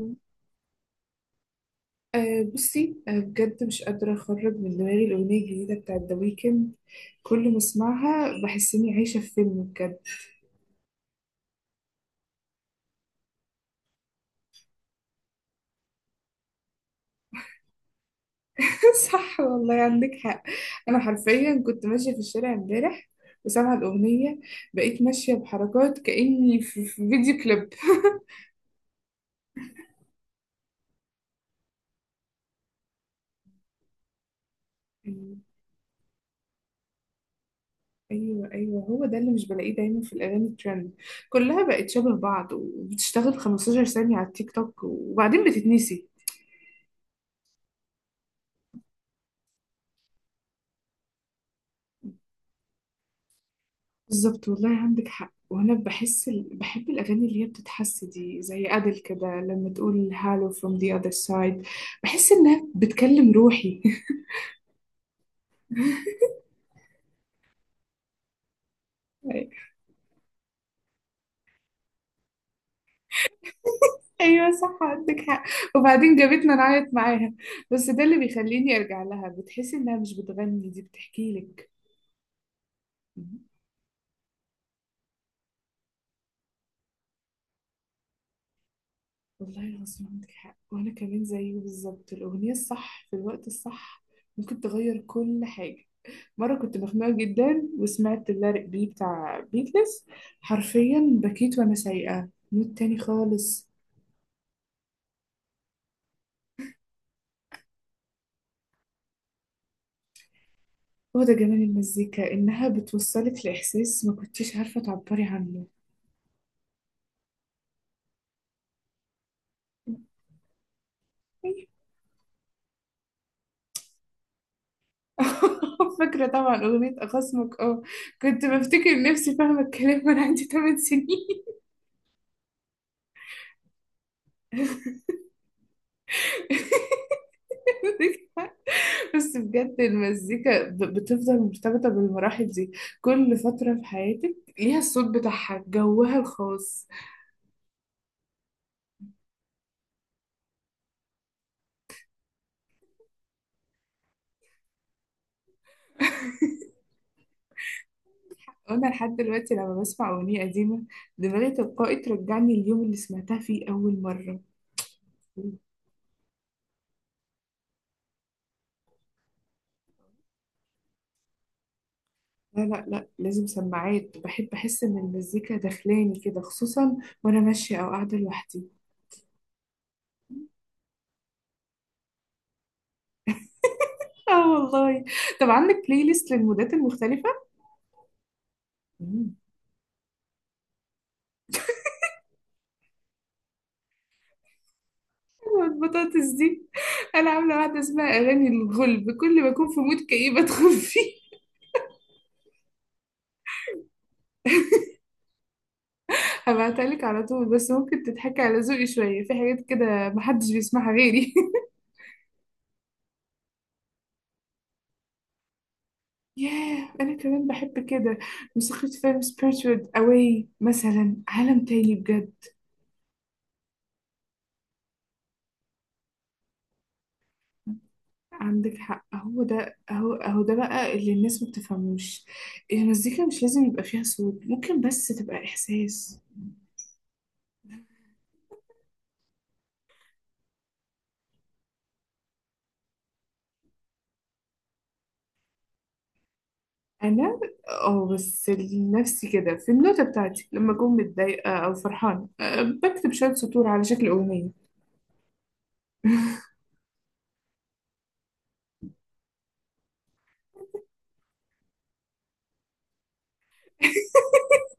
أه بصي، بجد مش قادرة أخرج من دماغي الأغنية الجديدة بتاعت ذا ويكند. كل ما أسمعها بحس إني عايشة في فيلم بجد. صح والله، عندك حق. أنا حرفيا كنت ماشية في الشارع امبارح وسامعة الأغنية، بقيت ماشية بحركات كأني في فيديو كليب. أيوه، أيوه، هو ده اللي مش بلاقيه دايما في الأغاني الترند. كلها بقت شبه بعض وبتشتغل 15 ثانية على التيك توك وبعدين بتتنسي. بالظبط والله عندك حق. وانا بحس بحب الاغاني اللي هي بتتحس دي زي ادل، كده لما تقول هالو from the other side بحس انها بتكلم روحي. ايوه، صح عندك حق. وبعدين جابتنا نعيط معاها. بس ده اللي بيخليني ارجع لها، بتحسي انها مش بتغني دي بتحكي لك. والله العظيم عندك حق. وانا كمان زيه بالظبط. الاغنيه الصح في الوقت الصح ممكن تغير كل حاجه. مرة كنت مخنوقة جدا وسمعت اللارق بي بتاع بيتلز، حرفيا بكيت وأنا سايقة مود تاني خالص. هو ده جمال المزيكا، إنها بتوصلك لإحساس ما كنتيش عارفة تعبري عنه. فاكرة طبعا أغنية أخصمك اه، كنت بفتكر نفسي فاهمة الكلام وأنا عندي 8 سنين. بس بجد المزيكا بتفضل مرتبطة بالمراحل دي. كل فترة في حياتك ليها الصوت بتاعها جوها الخاص. وانا لحد دلوقتي لما بسمع اغنيه قديمه دماغي تلقائي ترجعني اليوم اللي سمعتها فيه اول مره. لا، لا، لا، لازم سماعات. بحب احس ان المزيكا داخلاني كده، خصوصا وانا ماشيه او قاعده لوحدي. اه والله. طب عندك بلاي ليست للمودات المختلفه؟ مم. البطاطس دي. انا عامله واحده اسمها اغاني الغلب، كل ما اكون في مود كئيب ادخل فيه. هبعتها لك على طول، بس ممكن تضحكي على ذوقي شويه. في حاجات كده محدش بيسمعها غيري. ياه، أنا كمان بحب كده. موسيقى فيلم Spirited Away مثلا عالم تاني بجد. عندك حق. هو ده بقى اللي الناس ما بتفهموش. المزيكا مش لازم يبقى فيها صوت، ممكن بس تبقى إحساس. أنا، اه بس لنفسي كده في النوتة بتاعتي، لما أكون متضايقة أو فرحانة بكتب شوية سطور على شكل أغنية.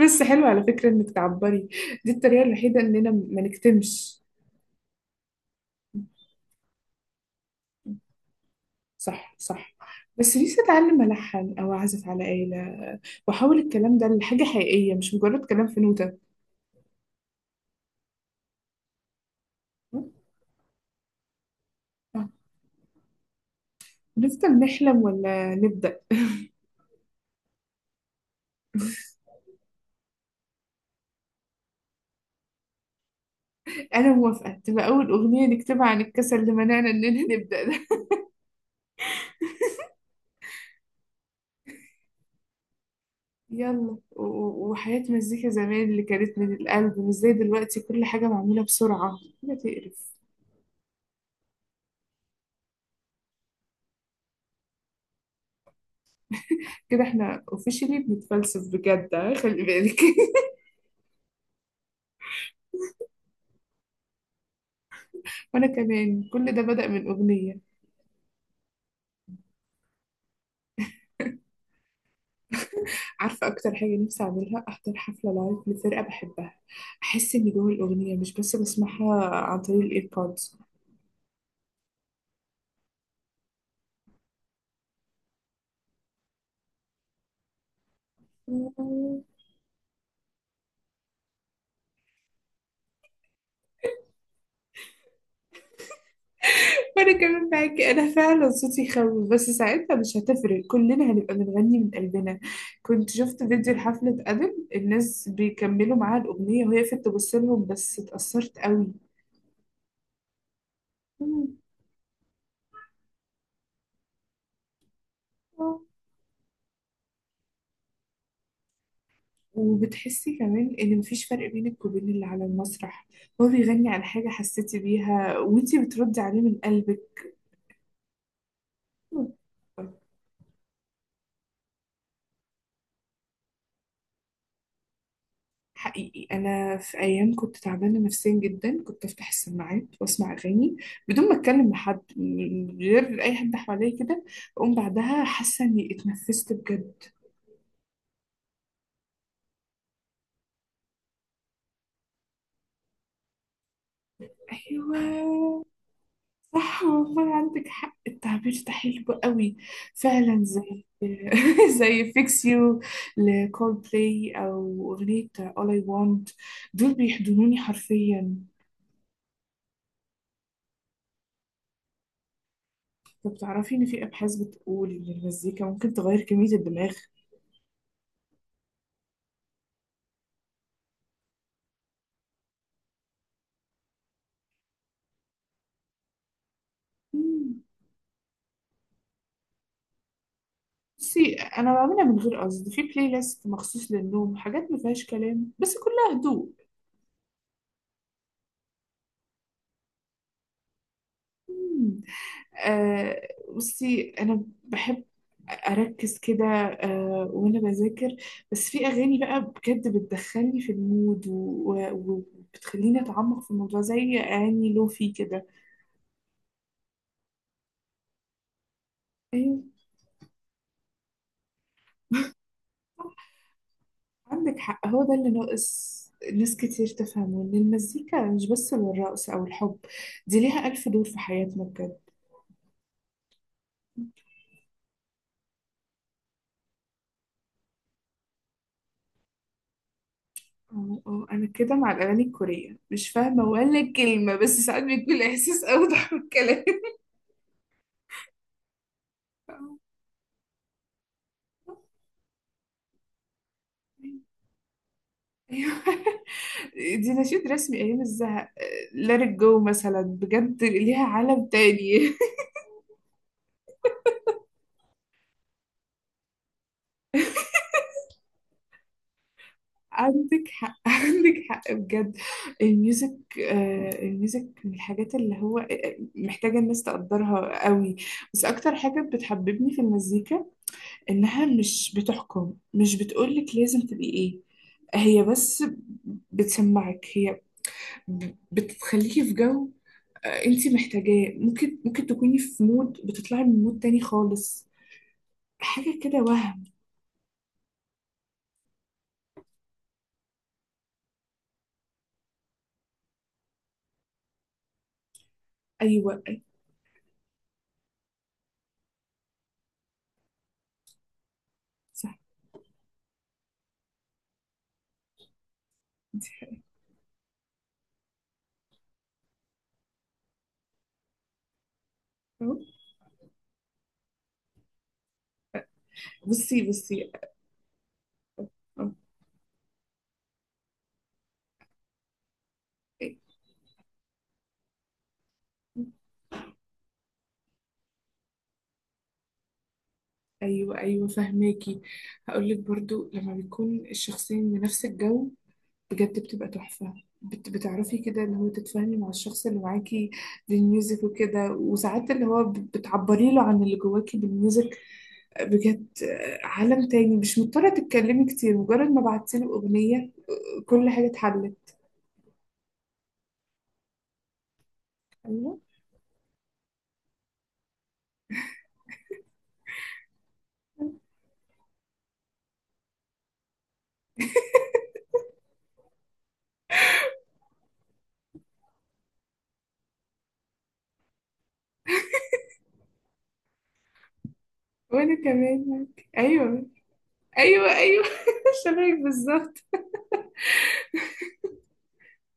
بس حلو على فكرة إنك تعبري. دي الطريقة الوحيدة إننا ما نكتمش. صح، صح. بس نفسي أتعلم ألحن أو أعزف على آلة، وأحول الكلام ده لحاجة حقيقية مش مجرد كلام في نوتة. آه. نفضل نحلم ولا نبدأ؟ أنا موافقة تبقى أول أغنية نكتبها عن الكسل اللي منعنا إننا نبدأ ده. يلا. وحياة مزيكا زمان اللي كانت من القلب، مش زي دلوقتي كل حاجة معمولة بسرعة، حاجة تقرف. كده احنا اوفيشلي بنتفلسف بجد، خلي بالك. وانا كمان، كل ده بدأ من أغنية. عارفة أكتر حاجة نفسي أعملها؟ أحضر حفلة لايف لفرقة بحبها، أحس إني جوه الأغنية مش بس بسمعها عن طريق الإيربودز. وأنا كمان معاكي. أنا فعلا صوتي يخوف، بس ساعتها مش هتفرق، كلنا هنبقى بنغني من قلبنا. كنت شفت فيديو لحفلة أدل الناس بيكملوا معاها الأغنية وهي في تبصلهم، بس اتأثرت قوي. مم. آه. وبتحسي كمان ان مفيش فرق بينك وبين اللي على المسرح. هو بيغني عن حاجة حسيتي بيها وانتي بتردي عليه من قلبك. حقيقي، أنا في أيام كنت تعبانة نفسيا جدا، كنت أفتح السماعات وأسمع أغاني بدون ما أتكلم مع حد، من غير أي حد حواليا كده، أقوم بعدها حاسة إني اتنفست بجد. أيوه، صح والله عندك حق، التعبير ده حلو قوي. فعلا زي زي فيكس يو لكول بلاي، أو أغنية All I Want، دول بيحضنوني حرفيا. طب تعرفي إن في أبحاث بتقول إن المزيكا ممكن تغير كمية الدماغ؟ مم. بصي، انا بعملها من غير قصد، في بلاي ليست مخصوص للنوم حاجات ما فيهاش كلام بس كلها هدوء. مم. آه بصي، انا بحب اركز كده، وانا بذاكر. بس في اغاني بقى بجد بتدخلني في المود وبتخليني اتعمق في الموضوع زي اغاني لوفي كده. ايوه، عندك حق، هو ده اللي ناقص. ناس كتير تفهمه ان المزيكا مش بس للرقص او الحب، دي ليها الف دور في حياتنا بجد. اه، اه، انا كده مع الاغاني الكوريه مش فاهمه ولا كلمه، بس ساعات بيكون الاحساس اوضح من الكلام. ايوه، دي نشيد رسمي ايام الزهق. ليت جو مثلا بجد ليها عالم تاني. عندك حق، عندك حق بجد. الميوزك، الميوزك من الحاجات اللي هو محتاجة الناس تقدرها قوي. بس أكتر حاجة بتحببني في المزيكا إنها مش بتحكم، مش بتقولك لازم تبقي إيه، هي بس بتسمعك، هي بتخليكي في جو انتي محتاجاه. ممكن تكوني في مود، بتطلعي من مود تاني خالص، حاجة كده وهم. أيوة، صح. انتي. أهو. بصي، بصي. أه، أيوة، أيوة، فهماكي. هقولك برضو، لما بيكون الشخصين من نفس الجو بجد بتبقى تحفة. بتعرفي كده اللي هو تتفاهمي مع الشخص اللي معاكي بالميوزك وكده. وساعات اللي هو بتعبري له عن اللي جواكي بالميوزك بجد، عالم تاني، مش مضطرة تتكلمي كتير، مجرد ما بعتي له أغنية كل حاجة اتحلت. أيوة، وأنا كمان معاك. أيوة، أيوة. أيوه شبهك بالظبط.